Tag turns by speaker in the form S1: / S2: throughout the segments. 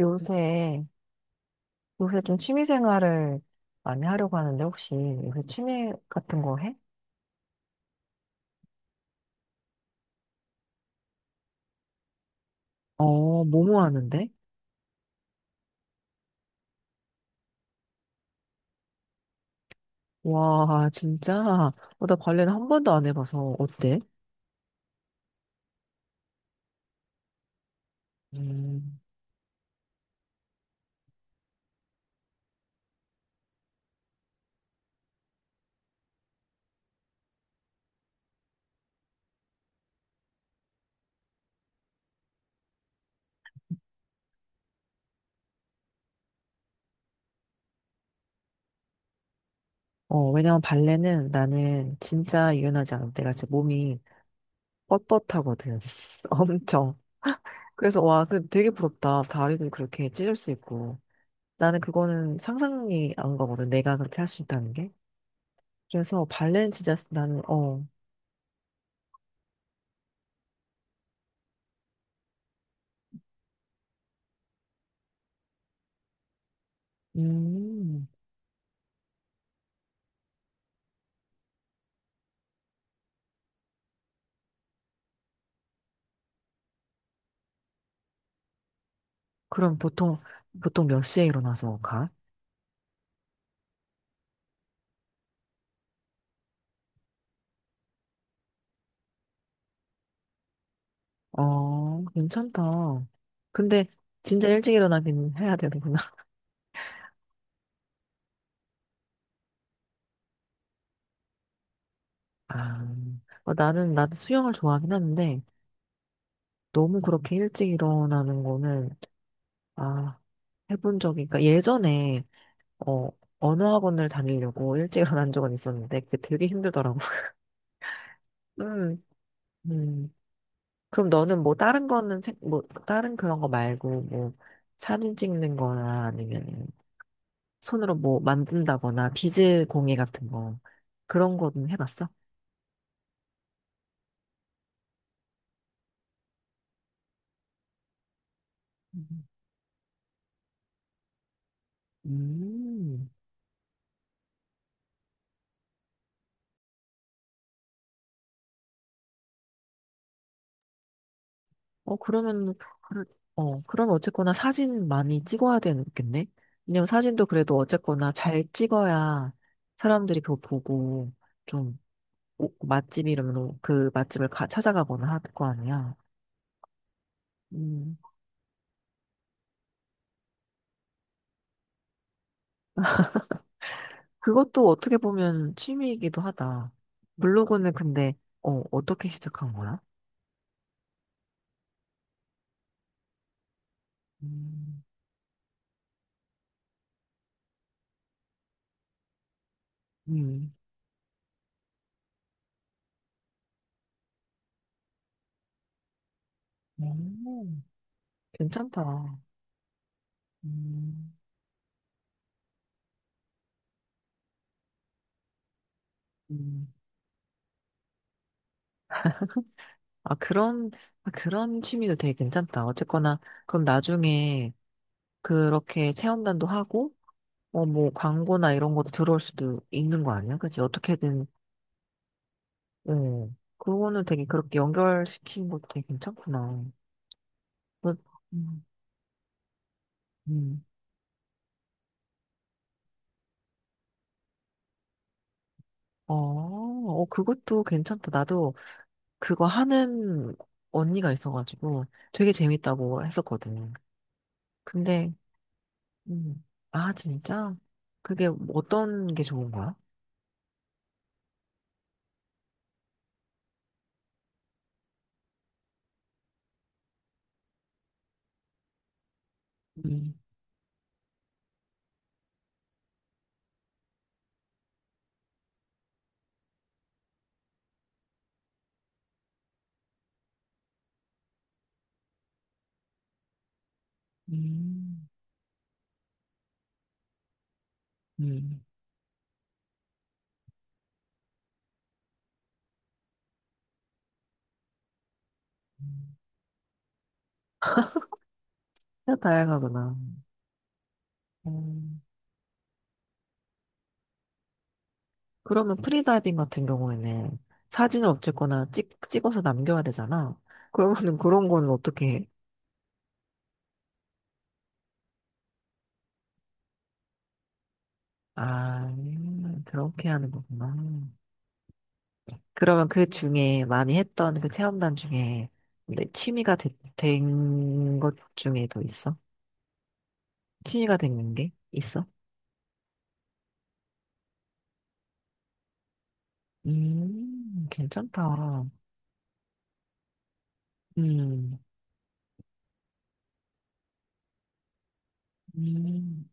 S1: 요새, 요새 좀 취미 생활을 많이 하려고 하는데, 혹시 요새 취미 같은 거 해? 뭐뭐 하는데? 와, 진짜. 나 발레는 한 번도 안 해봐서 어때? 음. 왜냐면 발레는 나는 진짜 유연하지 않아. 내가 진짜 몸이 뻣뻣하거든. 엄청. 그래서 와, 그 되게 부럽다. 다리도 그렇게 찢을 수 있고. 나는 그거는 상상이 안 가거든. 내가 그렇게 할 수 있다는 게. 그래서 발레는 진짜 나는, 음. 그럼 보통 몇 시에 일어나서 가? 괜찮다. 근데 진짜 일찍 일어나긴 해야 되는구나. 아, 나도 수영을 좋아하긴 하는데, 너무 그렇게 일찍 일어나는 거는, 아, 해본 적이, 그러니까 예전에, 어, 언어학원을 다니려고 일찍 일어난 적은 있었는데, 그게 되게 힘들더라고. 음. 음. 그럼 너는 뭐 다른 거는, 뭐, 다른 그런 거 말고, 뭐, 사진 찍는 거나 아니면 손으로 뭐 만든다거나 비즈 공예 같은 거 그런 거는 해봤어? 음. 음. 그러면, 그럼 어쨌거나 사진 많이 찍어야 되겠네? 왜냐면 사진도 그래도 어쨌거나 잘 찍어야 사람들이 그거 보고 좀 맛집 이름으로 그 맛집을 찾아가거나 할 거 아니야. 음, 그것도 어떻게 보면 취미이기도 하다. 블로그는 근데, 어떻게 시작한 거야? 음. 음. 음. 괜찮다. 음. 음. 아, 그런, 아, 그런 취미도 되게 괜찮다. 어쨌거나, 그럼 나중에 그렇게 체험단도 하고, 뭐, 광고나 이런 것도 들어올 수도 있는 거 아니야? 그치? 어떻게든, 응. 그거는 되게 그렇게 연결시키는 것도 되게 괜찮구나. 그, 음. 음. 어, 어, 그것도 괜찮다. 나도 그거 하는 언니가 있어가지고 되게 재밌다고 했었거든. 근데 음. 아, 진짜? 그게 뭐 어떤 게 좋은 거야? 음. 음. 음. 진짜 다양하구나. 음. 그러면 프리다이빙 같은 경우에는 사진을 어쨌거나 찍, 찍어서 남겨야 되잖아. 그러면은 그런 거는 어떻게 해? 아, 그렇게 하는 거구나. 그러면 그 중에 많이 했던 그 체험단 중에 내 취미가 된 것 중에 더 있어? 취미가 된 게 있어? 괜찮다. 음. 음.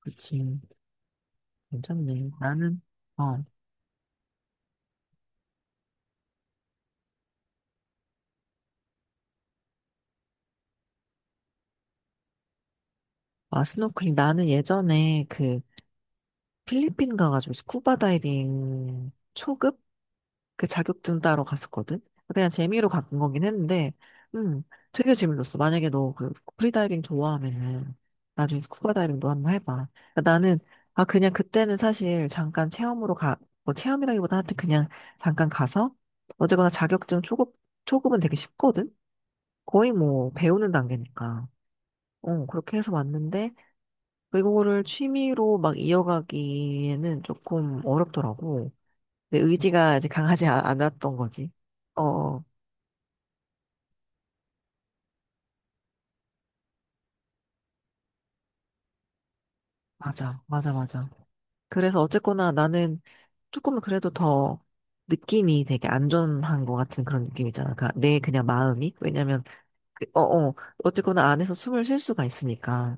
S1: 그치. 괜찮네. 나는, 어, 아, 스노클링. 나는 예전에 그 필리핀 가가지고 스쿠버 다이빙 초급? 그 자격증 따러 갔었거든? 그냥 재미로 간 거긴 했는데, 음, 되게 재밌었어. 만약에 너 그 프리다이빙 좋아하면은 나중에 스쿠버 다이빙도 한 번 해봐. 그러니까 나는, 아, 그냥 그때는 사실 잠깐 체험으로 가, 뭐 체험이라기보다 하여튼 그냥 잠깐 가서 어쨌거나 자격증 초급, 초급은 되게 쉽거든? 거의 뭐 배우는 단계니까. 그렇게 해서 왔는데, 그거를 취미로 막 이어가기에는 조금 어렵더라고. 내 의지가 이제 강하지 않았던 거지. 어, 어, 맞아, 맞아, 맞아. 그래서 어쨌거나 나는 조금 그래도 더 느낌이 되게 안전한 것 같은 그런 느낌이잖아. 그내 그냥 마음이. 왜냐면, 어, 어, 어쨌거나 안에서 숨을 쉴 수가 있으니까.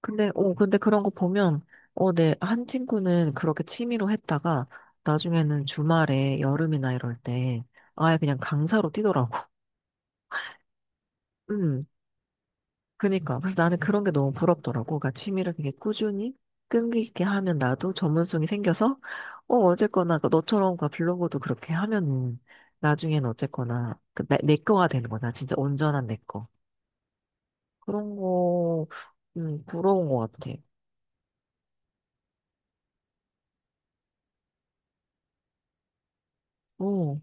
S1: 근데 그런 거 보면, 내 한 친구는 그렇게 취미로 했다가, 나중에는 주말에 여름이나 이럴 때, 아예 그냥 강사로 뛰더라고. 음, 그니까. 그래서 나는 그런 게 너무 부럽더라고. 그러니까 취미를 되게 꾸준히, 끈기 있게 하면 나도 전문성이 생겨서, 어쨌거나, 그 너처럼 그 블로그도 그렇게 하면 나중에는 어쨌거나, 그 내 거가 되는 거다. 진짜 온전한 내 거. 그런 거, 부러운 것 같아. 어,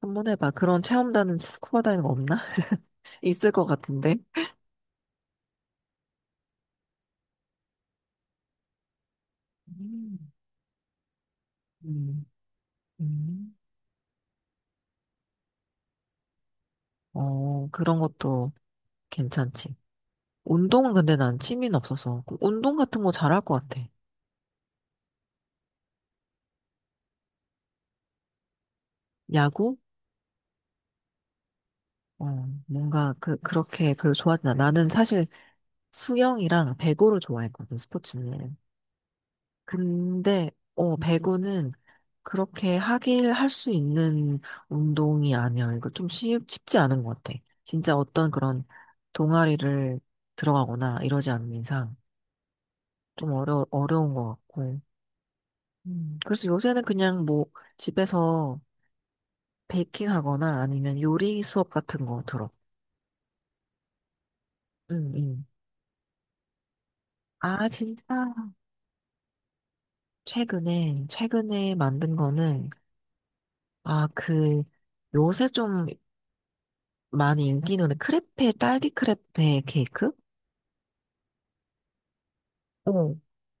S1: 한번 해봐. 그런 체험단은 스쿠버 다이는 없나? 있을 것 같은데. 음. 음. 음. 그런 것도 괜찮지. 운동은 근데 난 취미는 없어서. 그 운동 같은 거 잘할 것 같아. 야구? 어, 뭔가 그렇게 별로 좋아하진 않아. 나는 사실 수영이랑 배구를 좋아했거든, 스포츠는. 근데, 배구는 그렇게 하길 할 수 있는 운동이 아니야. 이거 좀 쉽, 쉽지 않은 것 같아. 진짜 어떤 그런 동아리를 들어가거나 이러지 않는 이상. 좀 어려운 것 같고. 그래서 요새는 그냥 뭐 집에서 베이킹 하거나 아니면 요리 수업 같은 거 들어. 응응. 아, 진짜. 최근에 만든 거는, 아, 요새 좀 많이 인기 있는 크레페, 딸기 크레페 케이크? 어,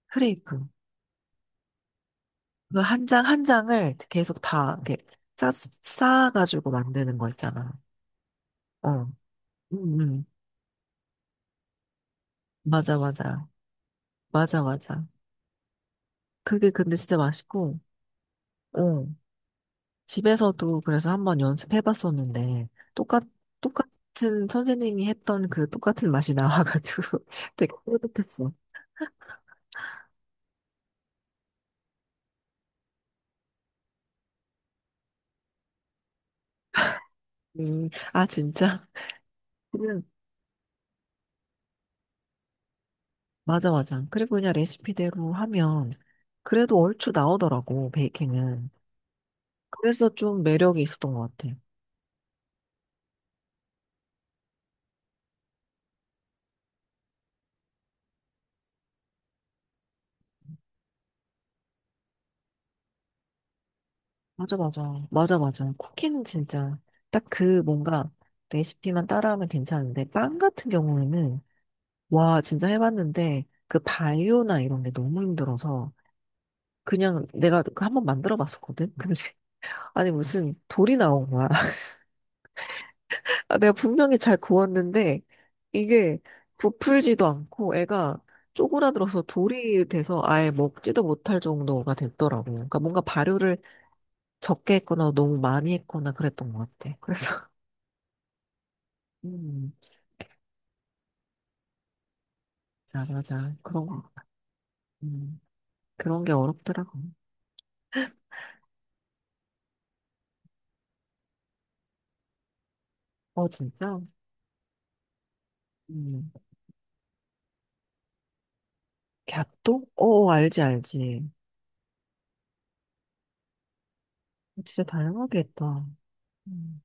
S1: 크레이크. 그 한 장, 한 장을 계속 다 이렇게 싸, 싸가지고 만드는 거 있잖아. 어, 응응. 맞아, 맞아. 맞아, 맞아. 그게 근데 진짜 맛있고, 어, 집에서도 그래서 한번 연습해 봤었는데, 똑같, 똑같은 선생님이 했던 그 똑같은 맛이 나와가지고 되게 뿌듯했어. 아, 진짜? 그냥, 맞아, 맞아. 그리고 그냥 레시피대로 하면 그래도 얼추 나오더라고, 베이킹은. 그래서 좀 매력이 있었던 것 같아. 맞아, 맞아. 맞아, 맞아. 쿠키는 진짜 딱 그 뭔가 레시피만 따라하면 괜찮은데, 빵 같은 경우에는 와, 진짜 해봤는데, 그 바이오나 이런 게 너무 힘들어서, 그냥 내가 그 한번 만들어 봤었거든? 근데, 아니, 무슨 돌이 나온 거야. 아, 내가 분명히 잘 구웠는데, 이게 부풀지도 않고, 애가 쪼그라들어서 돌이 돼서 아예 먹지도 못할 정도가 됐더라고. 그러니까 뭔가 발효를 적게 했거나 너무 많이 했거나 그랬던 것 같아. 그래서, 음, 자 맞아. 음, 그런 게 어렵더라고. 진짜? 음. 갸또? 알지, 알지. 진짜 다양하게 했다. 음.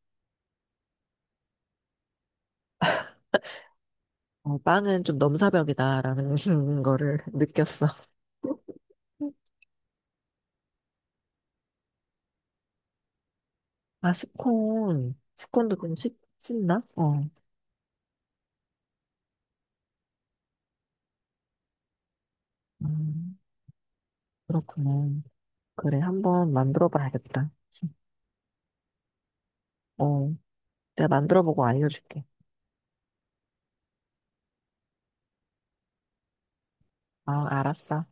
S1: 빵은 좀 넘사벽이다라는 거를 느꼈어. 아, 스콘. 스콘도 좀 씹, 씹나? 어. 음, 그렇구나. 그래, 한번 만들어 봐야겠다. 어, 내가 만들어 보고 알려줄게. 아, 알았어.